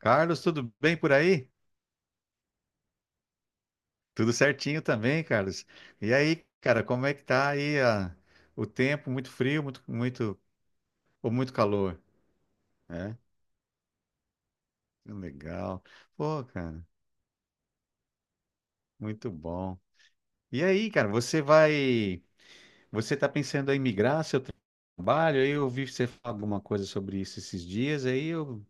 Carlos, tudo bem por aí? Tudo certinho também, Carlos. E aí, cara, como é que tá aí o tempo? Muito frio, ou muito calor? É, Que legal. Pô, cara, muito bom. E aí, cara, você tá pensando em migrar seu trabalho? Aí eu ouvi você falar alguma coisa sobre isso esses dias, aí eu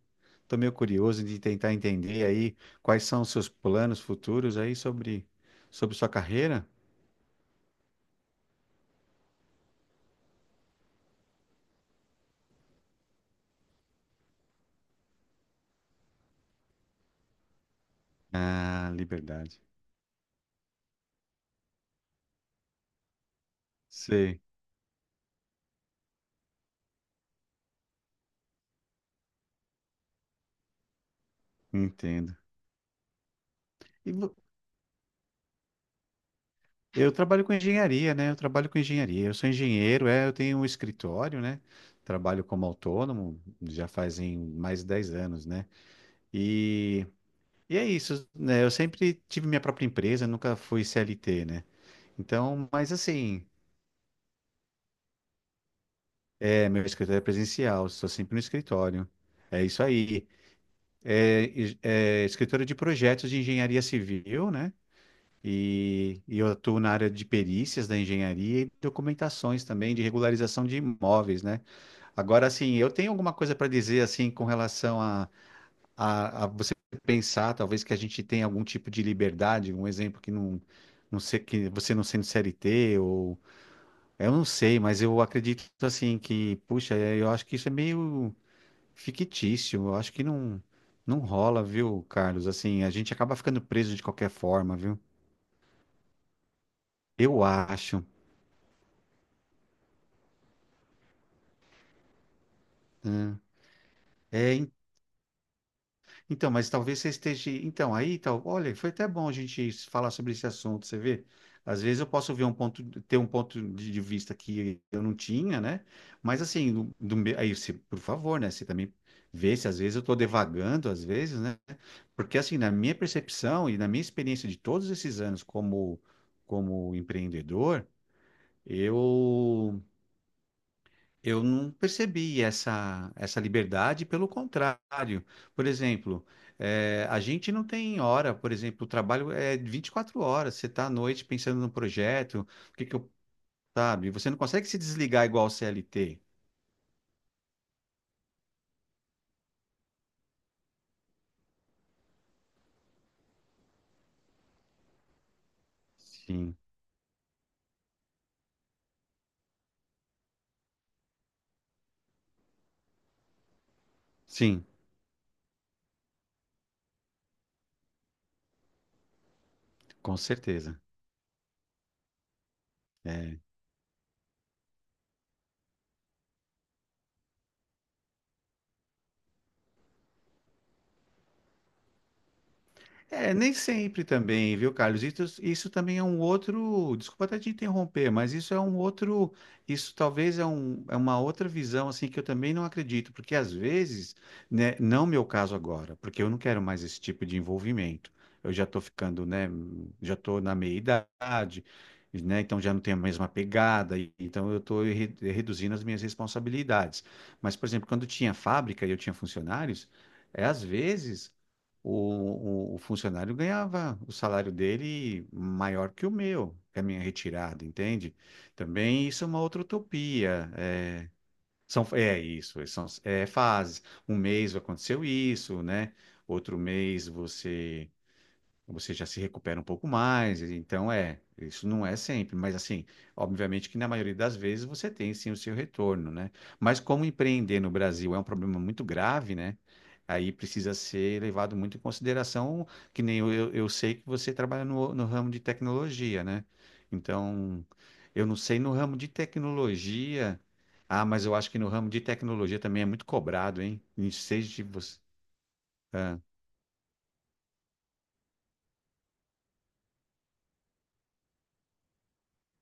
tô meio curioso de tentar entender aí quais são os seus planos futuros sobre sua carreira. Ah, liberdade. Entendo. E vo- eu trabalho com engenharia, né? Eu trabalho com engenharia. Eu sou engenheiro, é, eu tenho um escritório, né? Trabalho como autônomo já fazem mais de 10 anos, né? E, e é isso, né? Eu sempre tive minha própria empresa, nunca fui CLT, né? Então, mas assim, é, meu escritório é presencial, estou sempre no escritório. É isso aí. É, é escritório de projetos de engenharia civil, né? E eu atuo na área de perícias da engenharia e documentações também de regularização de imóveis, né? Agora, assim, eu tenho alguma coisa para dizer assim com relação a você pensar, talvez que a gente tenha algum tipo de liberdade, um exemplo que não, não sei, que você não sendo CLT ou eu não sei, mas eu acredito assim que, puxa, é, eu acho que isso é meio fictício, eu acho que não rola, viu, Carlos? Assim, a gente acaba ficando preso de qualquer forma, viu? Eu acho. Né? É, então, mas talvez você esteja. Então, aí, tal, olha, foi até bom a gente falar sobre esse assunto, você vê? Às vezes eu posso ver um ponto, ter um ponto de vista que eu não tinha, né? Mas assim, aí, se, por favor, né? Você também vê se às vezes eu estou devagando, às vezes, né? Porque assim, na minha percepção e na minha experiência de todos esses anos como, como empreendedor, eu Eu não percebi essa, essa liberdade, pelo contrário. Por exemplo, a gente não tem hora, por exemplo, o trabalho é 24 horas, você está à noite pensando no projeto, o que que eu, sabe? Você não consegue se desligar igual o CLT. Sim, sim, com certeza. É, é, nem sempre também, viu, Carlos? Isso também é um outro. Desculpa até te interromper, mas isso é um outro. Isso talvez é, um, é uma outra visão, assim, que eu também não acredito, porque às vezes, né, não meu caso agora, porque eu não quero mais esse tipo de envolvimento. Eu já estou ficando, né, já estou na meia-idade, né, então já não tenho a mesma pegada, então eu estou reduzindo as minhas responsabilidades. Mas, por exemplo, quando tinha fábrica e eu tinha funcionários, é às vezes o funcionário ganhava o salário dele maior que o meu, que a minha retirada, entende? Também isso é uma outra utopia. São, é isso, são, é fases. Um mês aconteceu isso, né? Outro mês você já se recupera um pouco mais. Então, é, isso não é sempre, mas assim, obviamente que na maioria das vezes você tem sim o seu retorno, né? Mas como empreender no Brasil é um problema muito grave, né? Aí precisa ser levado muito em consideração, que nem eu, eu sei que você trabalha no ramo de tecnologia, né? Então, eu não sei no ramo de tecnologia. Ah, mas eu acho que no ramo de tecnologia também é muito cobrado, hein? Não sei de você. Ah,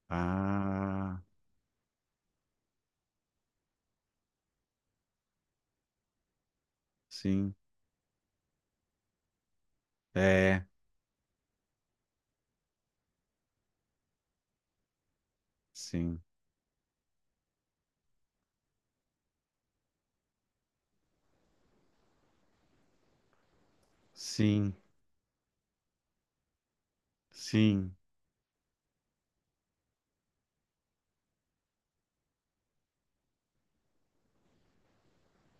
ah, sim. É. Sim, sim, sim,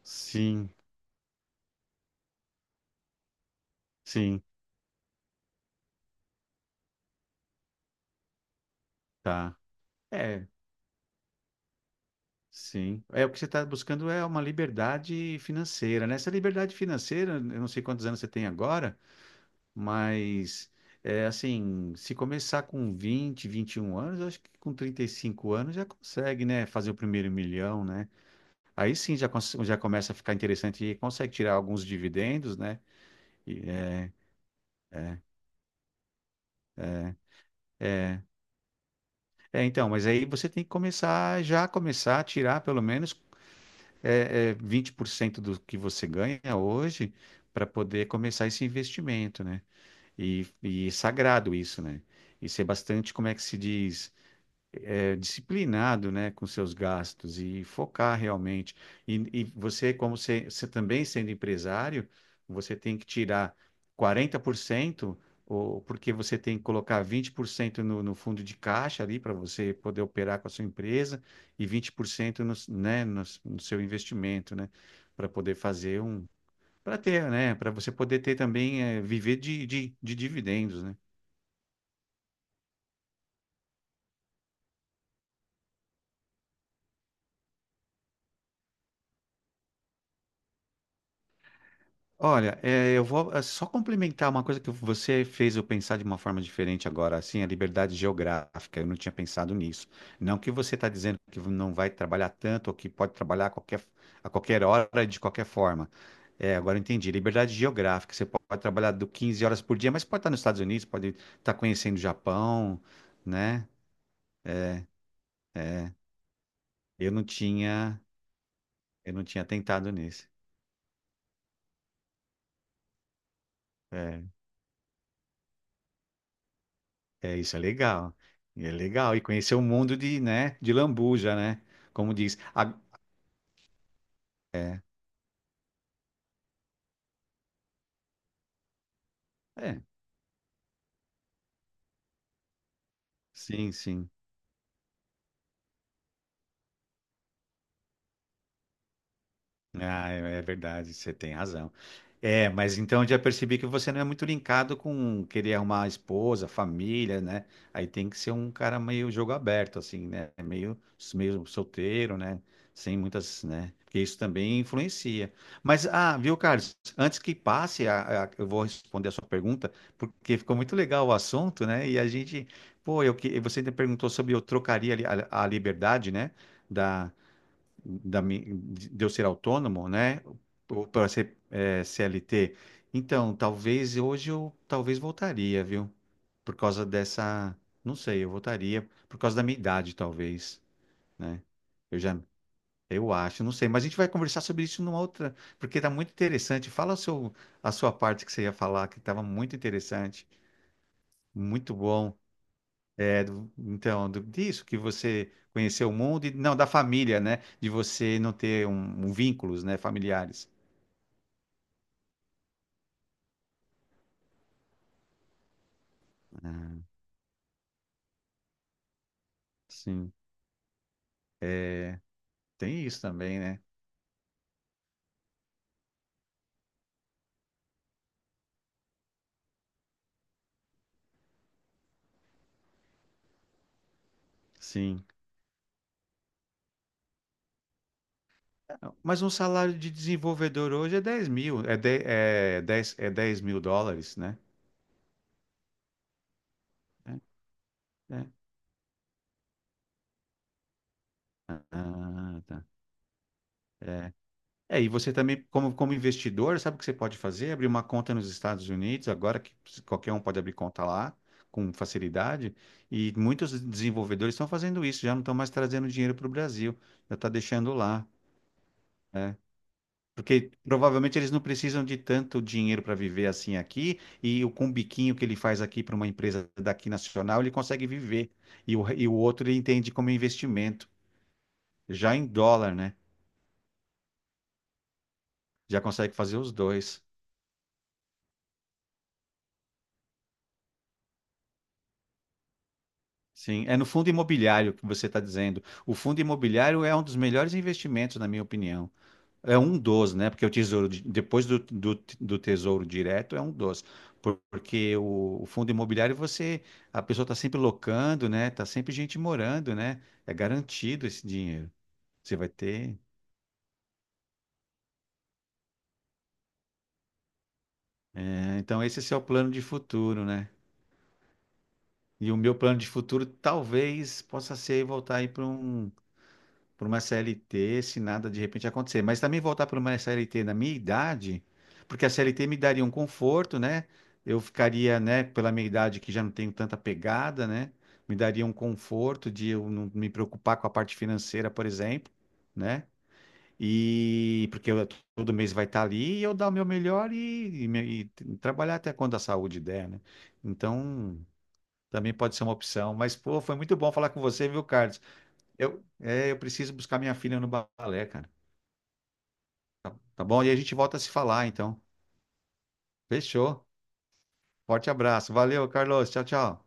sim, sim, tá. É, sim. É o que você está buscando é uma liberdade financeira, né? Essa liberdade financeira, eu não sei quantos anos você tem agora, mas é assim, se começar com 21 anos, eu acho que com 35 anos já consegue, né, fazer o primeiro milhão, né? Aí sim já, já começa a ficar interessante e consegue tirar alguns dividendos, né? E, é, é, é. é. É, então, mas aí você tem que começar, já começar a tirar pelo menos 20% do que você ganha hoje para poder começar esse investimento, né? E é sagrado isso, né? E ser bastante, como é que se diz? Disciplinado, né, com seus gastos e focar realmente. E você, como você, você também sendo empresário, você tem que tirar 40%, ou, porque você tem que colocar 20% no fundo de caixa ali para você poder operar com a sua empresa e 20% no, né, no seu investimento, né, para poder fazer um, para ter, né, para você poder ter também, viver de dividendos, né? Olha, eu vou só complementar uma coisa que você fez eu pensar de uma forma diferente agora, assim, a liberdade geográfica. Eu não tinha pensado nisso. Não que você está dizendo que não vai trabalhar tanto ou que pode trabalhar a a qualquer hora, de qualquer forma. É, agora eu entendi. Liberdade geográfica. Você pode trabalhar do 15 horas por dia, mas pode estar nos Estados Unidos, pode estar conhecendo o Japão, né? É, é. Eu não tinha, eu não tinha tentado nisso. É. É, isso é legal. E é legal. E conhecer o mundo de, né, de Lambuja, né? Como diz. É, é, sim, sim. Ah, é é verdade, você tem razão. É, mas então eu já percebi que você não é muito linkado com querer arrumar esposa, família, né? Aí tem que ser um cara meio jogo aberto, assim, né? Meio, meio solteiro, né? Sem muitas, né? Porque isso também influencia. Mas, ah, viu, Carlos? Antes que passe, eu vou responder a sua pergunta, porque ficou muito legal o assunto, né? E a gente, pô, eu, você ainda perguntou sobre eu trocaria a, li- a liberdade, né? da mi- de eu ser autônomo, né? Ou para ser é, CLT. Então, talvez hoje eu talvez voltaria, viu? Por causa dessa, não sei, eu voltaria por causa da minha idade, talvez, né? Eu já, eu acho, não sei, mas a gente vai conversar sobre isso numa outra, porque tá muito interessante. A sua parte que você ia falar, que estava muito interessante, muito bom. É, então, disso, que você conheceu o mundo, e, não, da família, né? De você não ter um vínculos, né, familiares. Ah, sim. É, tem isso também, né? Sim. Mas um salário de desenvolvedor hoje é 10 mil, é, de, é, 10 é 10 mil dólares, né? É, é. Ah, tá. É, e você também, como, como investidor, sabe o que você pode fazer? Abrir uma conta nos Estados Unidos, agora que qualquer um pode abrir conta lá com facilidade, e muitos desenvolvedores estão fazendo isso, já não estão mais trazendo dinheiro para o Brasil, já está deixando lá, né? Porque provavelmente eles não precisam de tanto dinheiro para viver assim aqui, e o com o biquinho que ele faz aqui para uma empresa daqui nacional, ele consegue viver. E o outro ele entende como investimento, já em dólar, né? Já consegue fazer os dois. Sim, é no fundo imobiliário que você está dizendo. O fundo imobiliário é um dos melhores investimentos, na minha opinião. É um dos, né? Porque o tesouro, depois do tesouro direto, é um dos. Porque o fundo imobiliário, você, a pessoa está sempre locando, né? Está sempre gente morando, né? É garantido esse dinheiro. Você vai ter. Né? Então, esse é seu plano de futuro, né? E o meu plano de futuro talvez possa ser voltar aí para um. Para uma CLT se nada de repente acontecer. Mas também voltar para uma CLT na minha idade, porque a CLT me daria um conforto, né? Eu ficaria, né, pela minha idade que já não tenho tanta pegada, né? Me daria um conforto de eu não me preocupar com a parte financeira, por exemplo, né? E porque eu, todo mês vai estar ali e eu dar o meu melhor e trabalhar até quando a saúde der, né? Então, também pode ser uma opção. Mas, pô, foi muito bom falar com você, viu, Carlos? Eu, é, eu preciso buscar minha filha no balé, cara. Tá, tá bom? E a gente volta a se falar, então. Fechou. Forte abraço. Valeu, Carlos. Tchau, tchau.